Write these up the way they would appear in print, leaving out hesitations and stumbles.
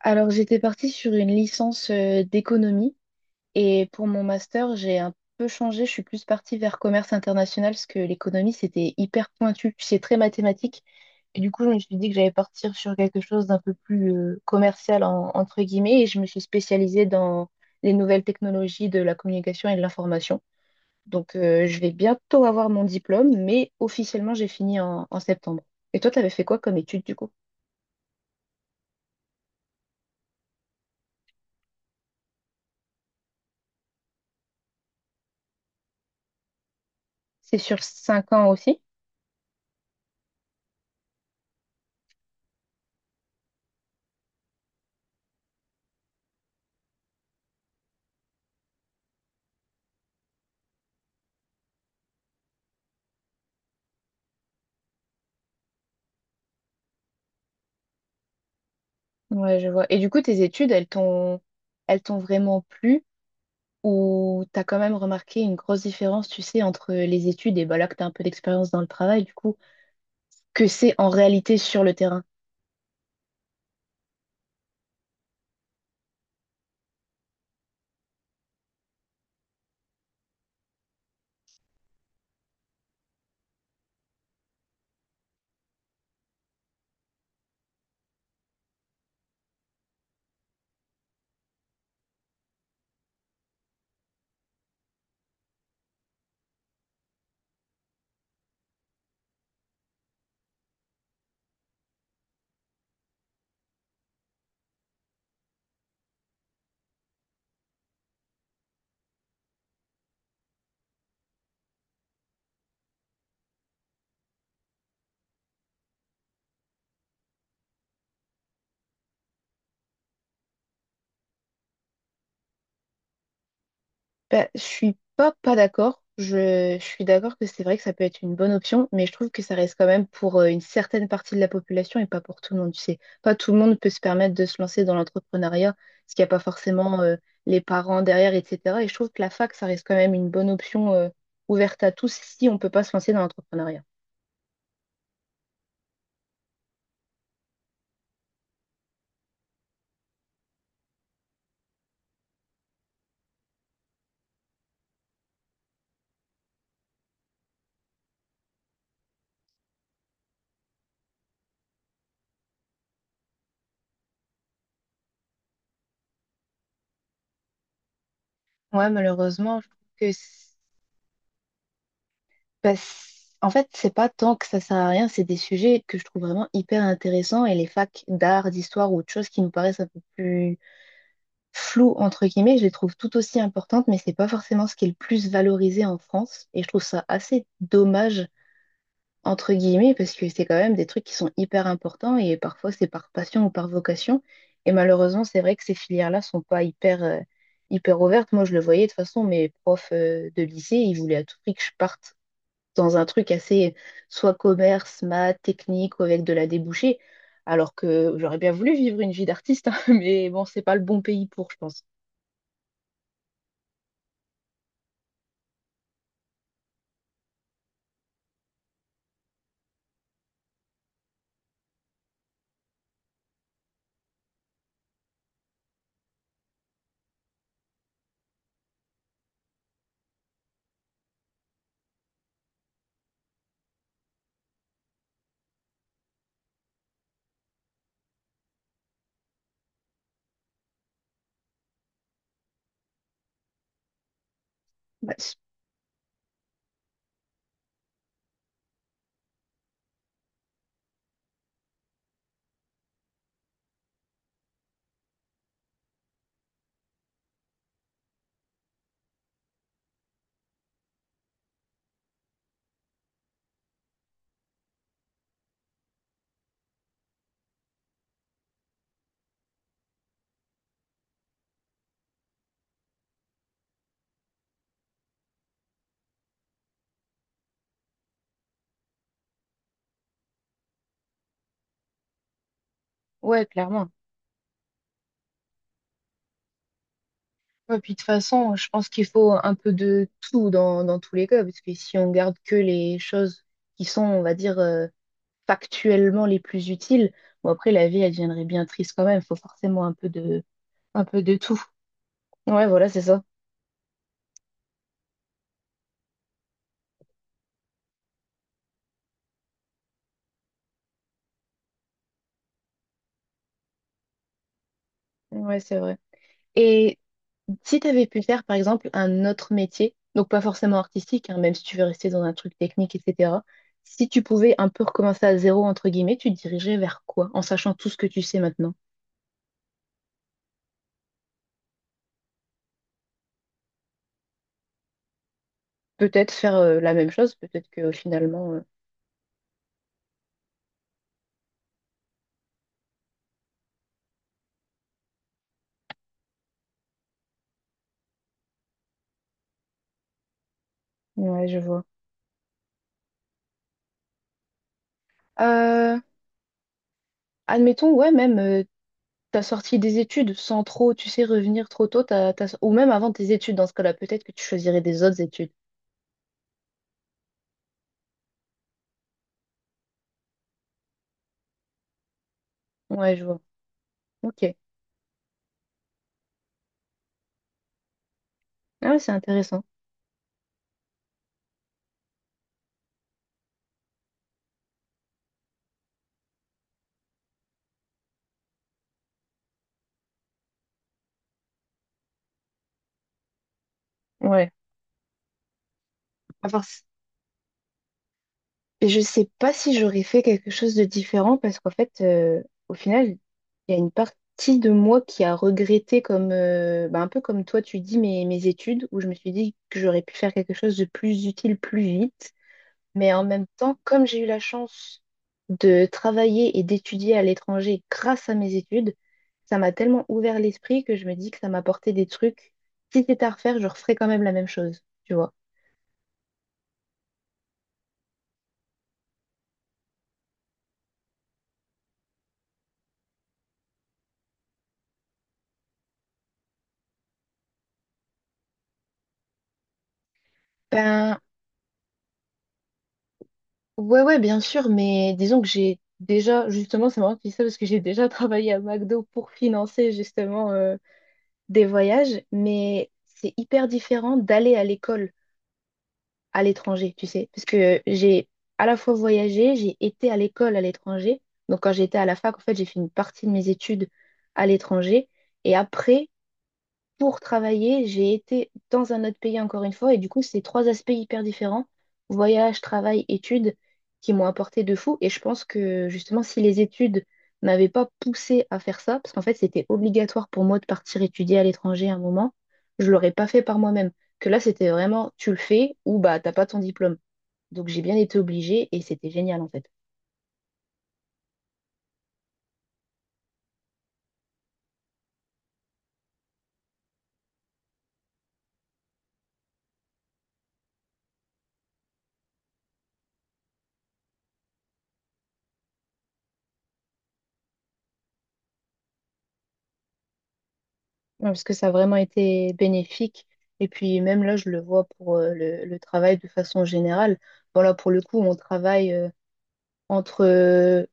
Alors, j'étais partie sur une licence d'économie et pour mon master, j'ai un peu changé. Je suis plus partie vers commerce international parce que l'économie, c'était hyper pointu, puis c'est très mathématique. Et du coup, je me suis dit que j'allais partir sur quelque chose d'un peu plus commercial, entre guillemets, et je me suis spécialisée dans les nouvelles technologies de la communication et de l'information. Donc, je vais bientôt avoir mon diplôme, mais officiellement, j'ai fini en septembre. Et toi, tu avais fait quoi comme étude du coup? C'est sur cinq ans aussi? Ouais, je vois. Et du coup, tes études, elles t'ont vraiment plu ou t'as quand même remarqué une grosse différence, tu sais, entre les études et bah là que t'as un peu d'expérience dans le travail, du coup, que c'est en réalité sur le terrain? Bah, je suis pas d'accord. Je suis d'accord que c'est vrai que ça peut être une bonne option, mais je trouve que ça reste quand même pour une certaine partie de la population et pas pour tout le monde. Tu sais, pas tout le monde peut se permettre de se lancer dans l'entrepreneuriat parce qu'il n'y a pas forcément les parents derrière, etc. Et je trouve que la fac, ça reste quand même une bonne option ouverte à tous si on peut pas se lancer dans l'entrepreneuriat. Ouais, malheureusement, je trouve que bah, c'est- en fait, c'est pas tant que ça sert à rien, c'est des sujets que je trouve vraiment hyper intéressants et les facs d'art, d'histoire ou autre chose qui nous paraissent un peu plus floues, entre guillemets, je les trouve tout aussi importantes, mais c'est pas forcément ce qui est le plus valorisé en France. Et je trouve ça assez dommage, entre guillemets, parce que c'est quand même des trucs qui sont hyper importants et parfois c'est par passion ou par vocation. Et malheureusement, c'est vrai que ces filières-là sont pas hyper, hyper ouvertes. Moi, je le voyais de toute façon, mes profs, de lycée, ils voulaient à tout prix que je parte dans un truc assez soit commerce, maths, technique ou avec de la débouchée. Alors que j'aurais bien voulu vivre une vie d'artiste, hein, mais bon, c'est pas le bon pays pour, je pense. Ouais. Ouais, clairement. Ouais, puis de toute façon, je pense qu'il faut un peu de tout dans, dans tous les cas, parce que si on garde que les choses qui sont, on va dire, factuellement les plus utiles, bon après la vie, elle deviendrait bien triste quand même. Il faut forcément un peu de tout. Ouais, voilà, c'est ça. Ouais, c'est vrai. Et si tu avais pu faire, par exemple, un autre métier, donc pas forcément artistique, hein, même si tu veux rester dans un truc technique, etc., si tu pouvais un peu recommencer à zéro, entre guillemets, tu te dirigerais vers quoi, en sachant tout ce que tu sais maintenant? Peut-être faire la même chose, peut-être que finalement, ouais, je vois. Euh, admettons, ouais, même t'as sorti des études sans trop, tu sais, revenir trop tôt, ou même avant tes études, dans ce cas-là, peut-être que tu choisirais des autres études. Ouais, je vois. Ok. Ah, ouais, c'est intéressant. Ouais. À part... Et je sais pas si j'aurais fait quelque chose de différent parce qu'en fait, au final, il y a une partie de moi qui a regretté comme, bah, un peu comme toi, tu dis mes études, où je me suis dit que j'aurais pu faire quelque chose de plus utile plus vite. Mais en même temps, comme j'ai eu la chance de travailler et d'étudier à l'étranger grâce à mes études, ça m'a tellement ouvert l'esprit que je me dis que ça m'a apporté des trucs. Si c'était à refaire, je referais quand même la même chose, tu vois. Ben, ouais, bien sûr, mais disons que j'ai déjà, justement, c'est marrant que tu dis ça parce que j'ai déjà travaillé à McDo pour financer justement des voyages, mais c'est hyper différent d'aller à l'école à l'étranger, tu sais, parce que j'ai à la fois voyagé, j'ai été à l'école à l'étranger. Donc quand j'étais à la fac, en fait, j'ai fait une partie de mes études à l'étranger. Et après, pour travailler, j'ai été dans un autre pays encore une fois, et du coup, c'est trois aspects hyper différents, voyage, travail, études, qui m'ont apporté de fou. Et je pense que justement, si les études m'avaient pas poussé à faire ça, parce qu'en fait, c'était obligatoire pour moi de partir étudier à l'étranger à un moment, je l'aurais pas fait par moi-même. Que là, c'était vraiment, tu le fais ou bah t'as pas ton diplôme. Donc j'ai bien été obligée et c'était génial en fait. Ouais, parce que ça a vraiment été bénéfique. Et puis même là, je le vois pour le travail de façon générale. Bon là pour le coup, on travaille entre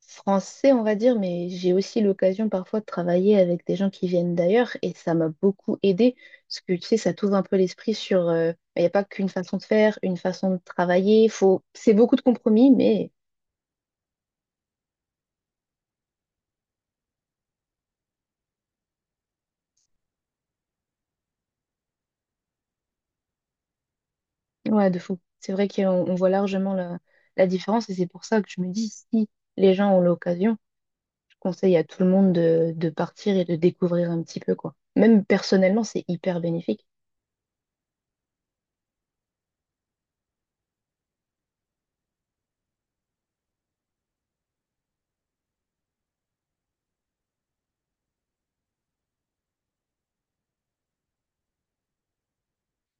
Français, on va dire, mais j'ai aussi l'occasion parfois de travailler avec des gens qui viennent d'ailleurs et ça m'a beaucoup aidé parce que tu sais, ça t'ouvre un peu l'esprit sur... bah, il n'y a pas qu'une façon de faire, une façon de travailler. Faut... C'est beaucoup de compromis, mais ouais, de fou. C'est vrai qu'on voit largement la différence et c'est pour ça que je me dis, si les gens ont l'occasion, je conseille à tout le monde de partir et de découvrir un petit peu, quoi. Même personnellement, c'est hyper bénéfique.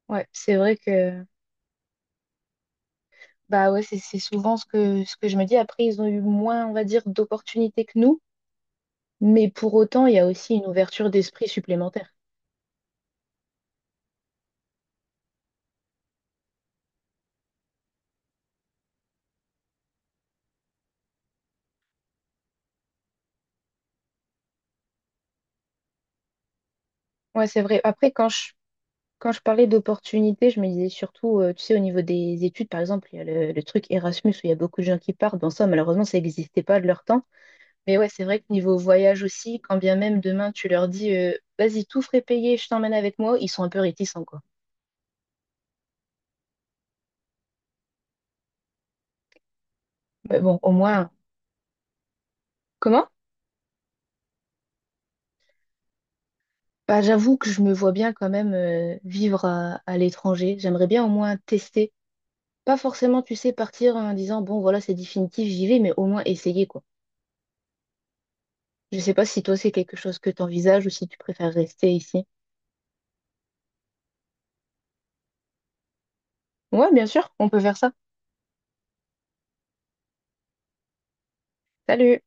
Ouais, c'est vrai que bah ouais, c'est souvent ce ce que je me dis. Après, ils ont eu moins, on va dire, d'opportunités que nous, mais pour autant, il y a aussi une ouverture d'esprit supplémentaire. Ouais, c'est vrai. Après, quand je parlais d'opportunités, je me disais surtout, tu sais, au niveau des études, par exemple, il y a le truc Erasmus où il y a beaucoup de gens qui partent. Bon, ça, malheureusement, ça n'existait pas de leur temps. Mais ouais, c'est vrai que niveau voyage aussi, quand bien même demain tu leur dis vas-y, tout frais payé, je t'emmène avec moi, ils sont un peu réticents, quoi. Mais bon, au moins. Comment? Bah, j'avoue que je me vois bien quand même vivre à l'étranger. J'aimerais bien au moins tester. Pas forcément, tu sais, partir en disant bon, voilà, c'est définitif, j'y vais, mais au moins essayer, quoi. Je sais pas si toi c'est quelque chose que t'envisages ou si tu préfères rester ici. Ouais, bien sûr, on peut faire ça. Salut!